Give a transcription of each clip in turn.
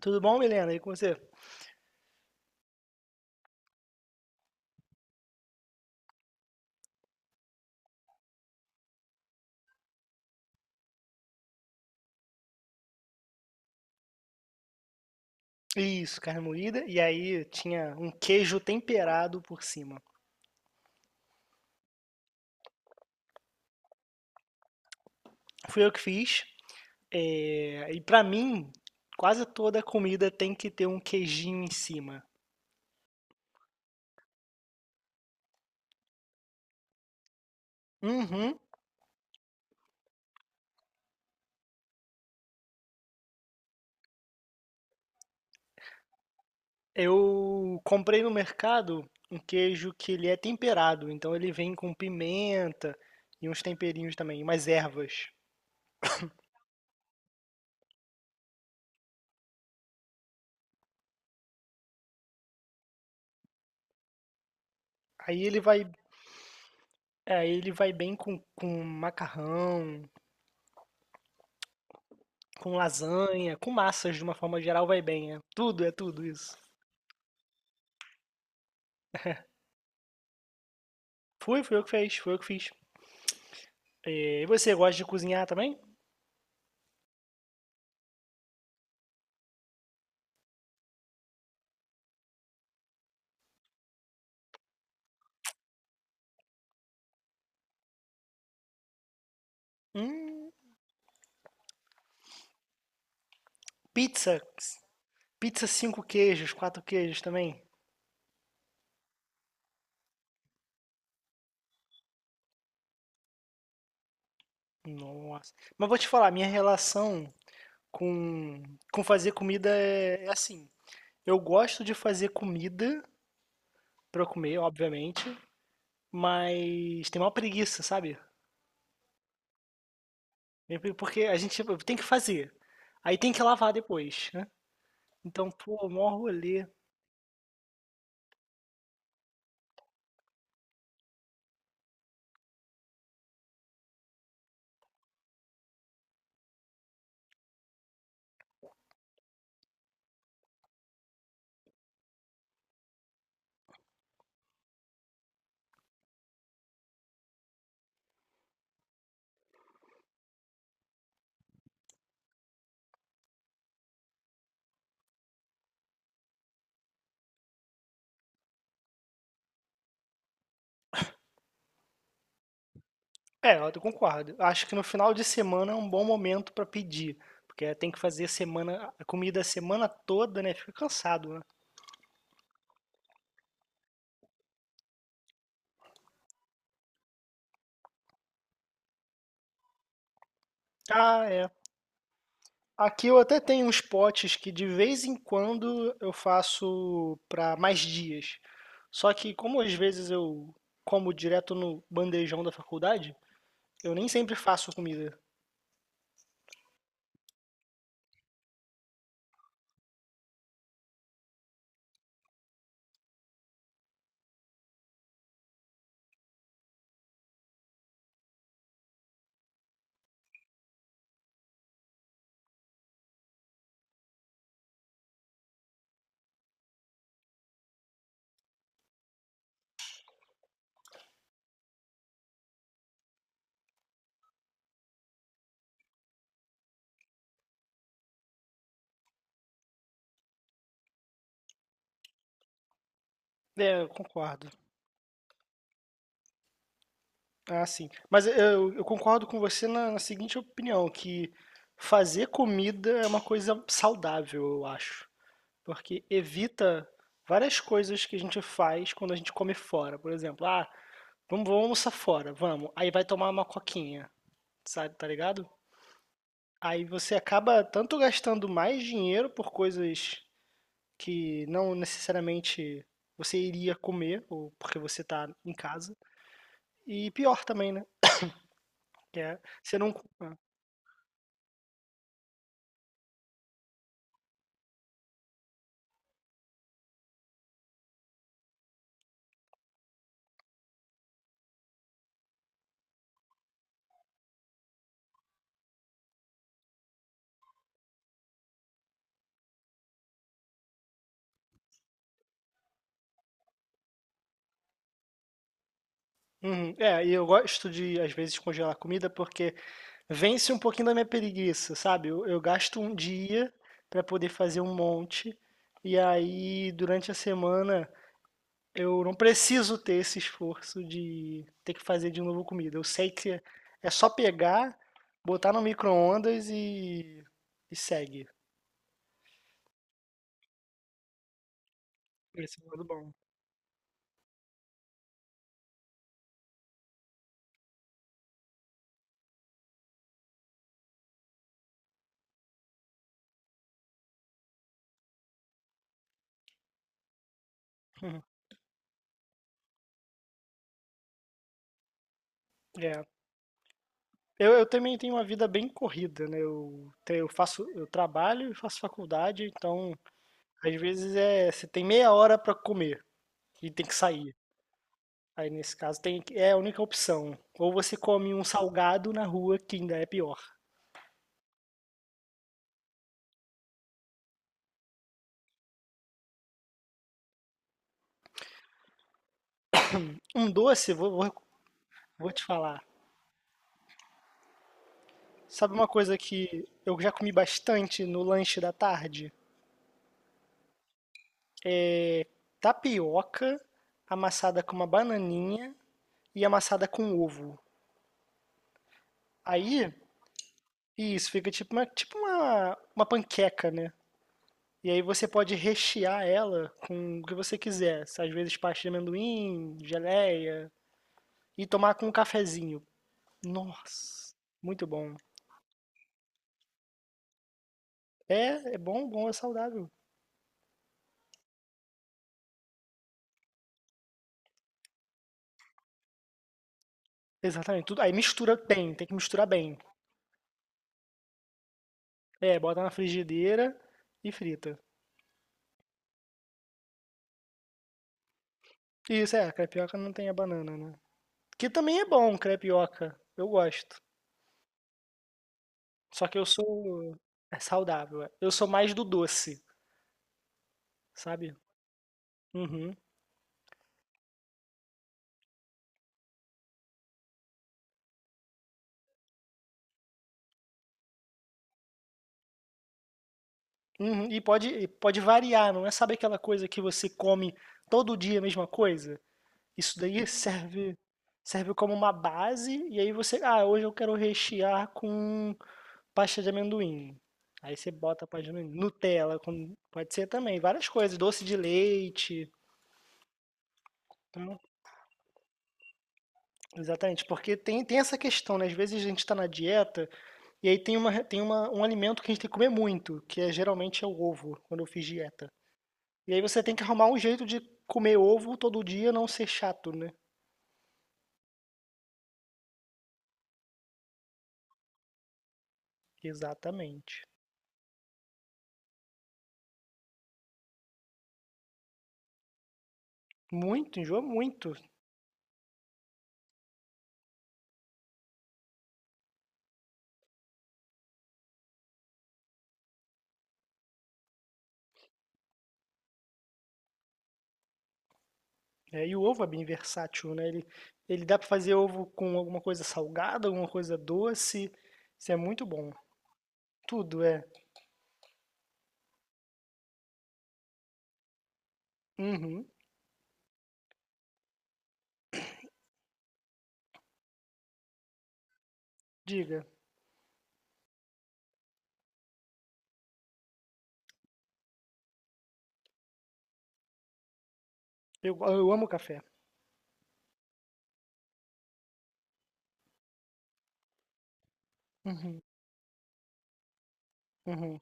Tudo bom, Milena? E com você? Isso, carne moída. E aí tinha um queijo temperado por cima. Fui eu que fiz. E pra mim, quase toda comida tem que ter um queijinho em cima. Uhum. Eu comprei no mercado um queijo que ele é temperado, então ele vem com pimenta e uns temperinhos também, umas ervas. Aí ele vai, é, ele vai bem com macarrão, com lasanha, com massas de uma forma geral vai bem, é tudo isso. Fui eu que fez, foi eu que fiz. E você gosta de cozinhar também? Hum, pizza. Pizza cinco queijos, quatro queijos também. Nossa. Mas vou te falar, minha relação com, com fazer comida é assim. Eu gosto de fazer comida pra comer, obviamente, mas tem uma preguiça, sabe? Porque a gente tipo, tem que fazer. Aí tem que lavar depois, né? Então, pô, mó rolê. É, eu concordo. Acho que no final de semana é um bom momento para pedir, porque tem que fazer semana, a comida a semana toda, né? Fica cansado, né? Ah, é. Aqui eu até tenho uns potes que de vez em quando eu faço para mais dias. Só que como às vezes eu como direto no bandejão da faculdade, eu nem sempre faço comida. É, eu concordo. Ah, sim. Mas eu concordo com você na seguinte opinião, que fazer comida é uma coisa saudável, eu acho. Porque evita várias coisas que a gente faz quando a gente come fora. Por exemplo, ah, vamos almoçar fora, vamos. Aí vai tomar uma coquinha, sabe, tá ligado? Aí você acaba tanto gastando mais dinheiro por coisas que não necessariamente você iria comer, ou porque você tá em casa. E pior também, né? Que é, você não. Uhum. É, e eu gosto de, às vezes, congelar comida porque vence um pouquinho da minha preguiça, sabe? Eu gasto um dia para poder fazer um monte, e aí durante a semana eu não preciso ter esse esforço de ter que fazer de novo comida. Eu sei que é só pegar, botar no micro-ondas e segue. Esse é o lado bom. Uhum. É. Eu também tenho uma vida bem corrida, né? Eu, eu faço, eu trabalho e faço faculdade, então. Às vezes é, você tem meia hora pra comer e tem que sair. Aí nesse caso tem, é a única opção. Ou você come um salgado na rua, que ainda é pior. Um doce, vou te falar. Sabe uma coisa que eu já comi bastante no lanche da tarde? Tapioca amassada com uma bananinha e amassada com ovo. Aí, isso, fica tipo uma, uma panqueca, né? E aí você pode rechear ela com o que você quiser. Às vezes pasta de amendoim, geleia. E tomar com um cafezinho. Nossa, muito bom. É, é bom, bom, é saudável. Exatamente, tudo. Aí mistura bem, tem que misturar bem. É, bota na frigideira e frita. Isso, é, crepioca não tem a banana, né? Que também é bom, crepioca. Eu gosto. Só que eu sou. É saudável. É. Eu sou mais do doce, sabe? Uhum. Uhum, e pode variar, não é? Sabe aquela coisa que você come todo dia a mesma coisa? Isso daí serve como uma base e aí você, ah, hoje eu quero rechear com pasta de amendoim. Aí você bota a pasta de amendoim, Nutella, pode ser também, várias coisas, doce de leite. Então, exatamente, porque tem, tem essa questão, né? Às vezes a gente está na dieta e aí um alimento que a gente tem que comer muito, que é geralmente é o ovo, quando eu fiz dieta. E aí você tem que arrumar um jeito de comer ovo todo dia, não ser chato, né? Exatamente. Muito, enjoa muito. É, e o ovo é bem versátil, né? Ele dá pra fazer ovo com alguma coisa salgada, alguma coisa doce. Isso é muito bom. Tudo é. Uhum. Diga. Eu amo café. Uhum. Uhum.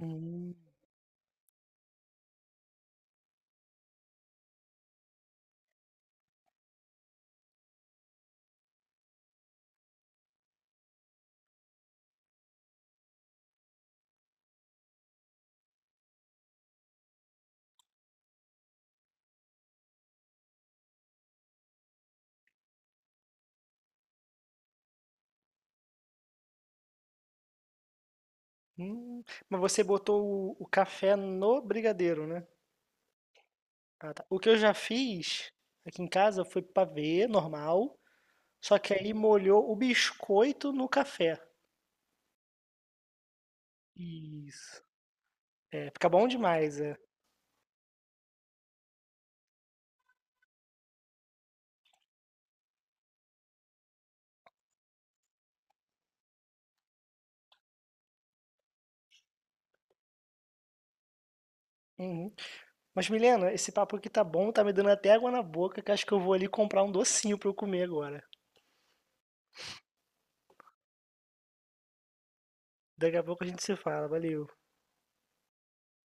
Hum, hum. Mas você botou o café no brigadeiro, né? Ah, tá. O que eu já fiz aqui em casa foi pavê normal. Só que aí molhou o biscoito no café. Isso. É, fica bom demais, é. Uhum. Mas, Milena, esse papo aqui tá bom, tá me dando até água na boca, que acho que eu vou ali comprar um docinho pra eu comer agora. Daqui a pouco a gente se fala, valeu.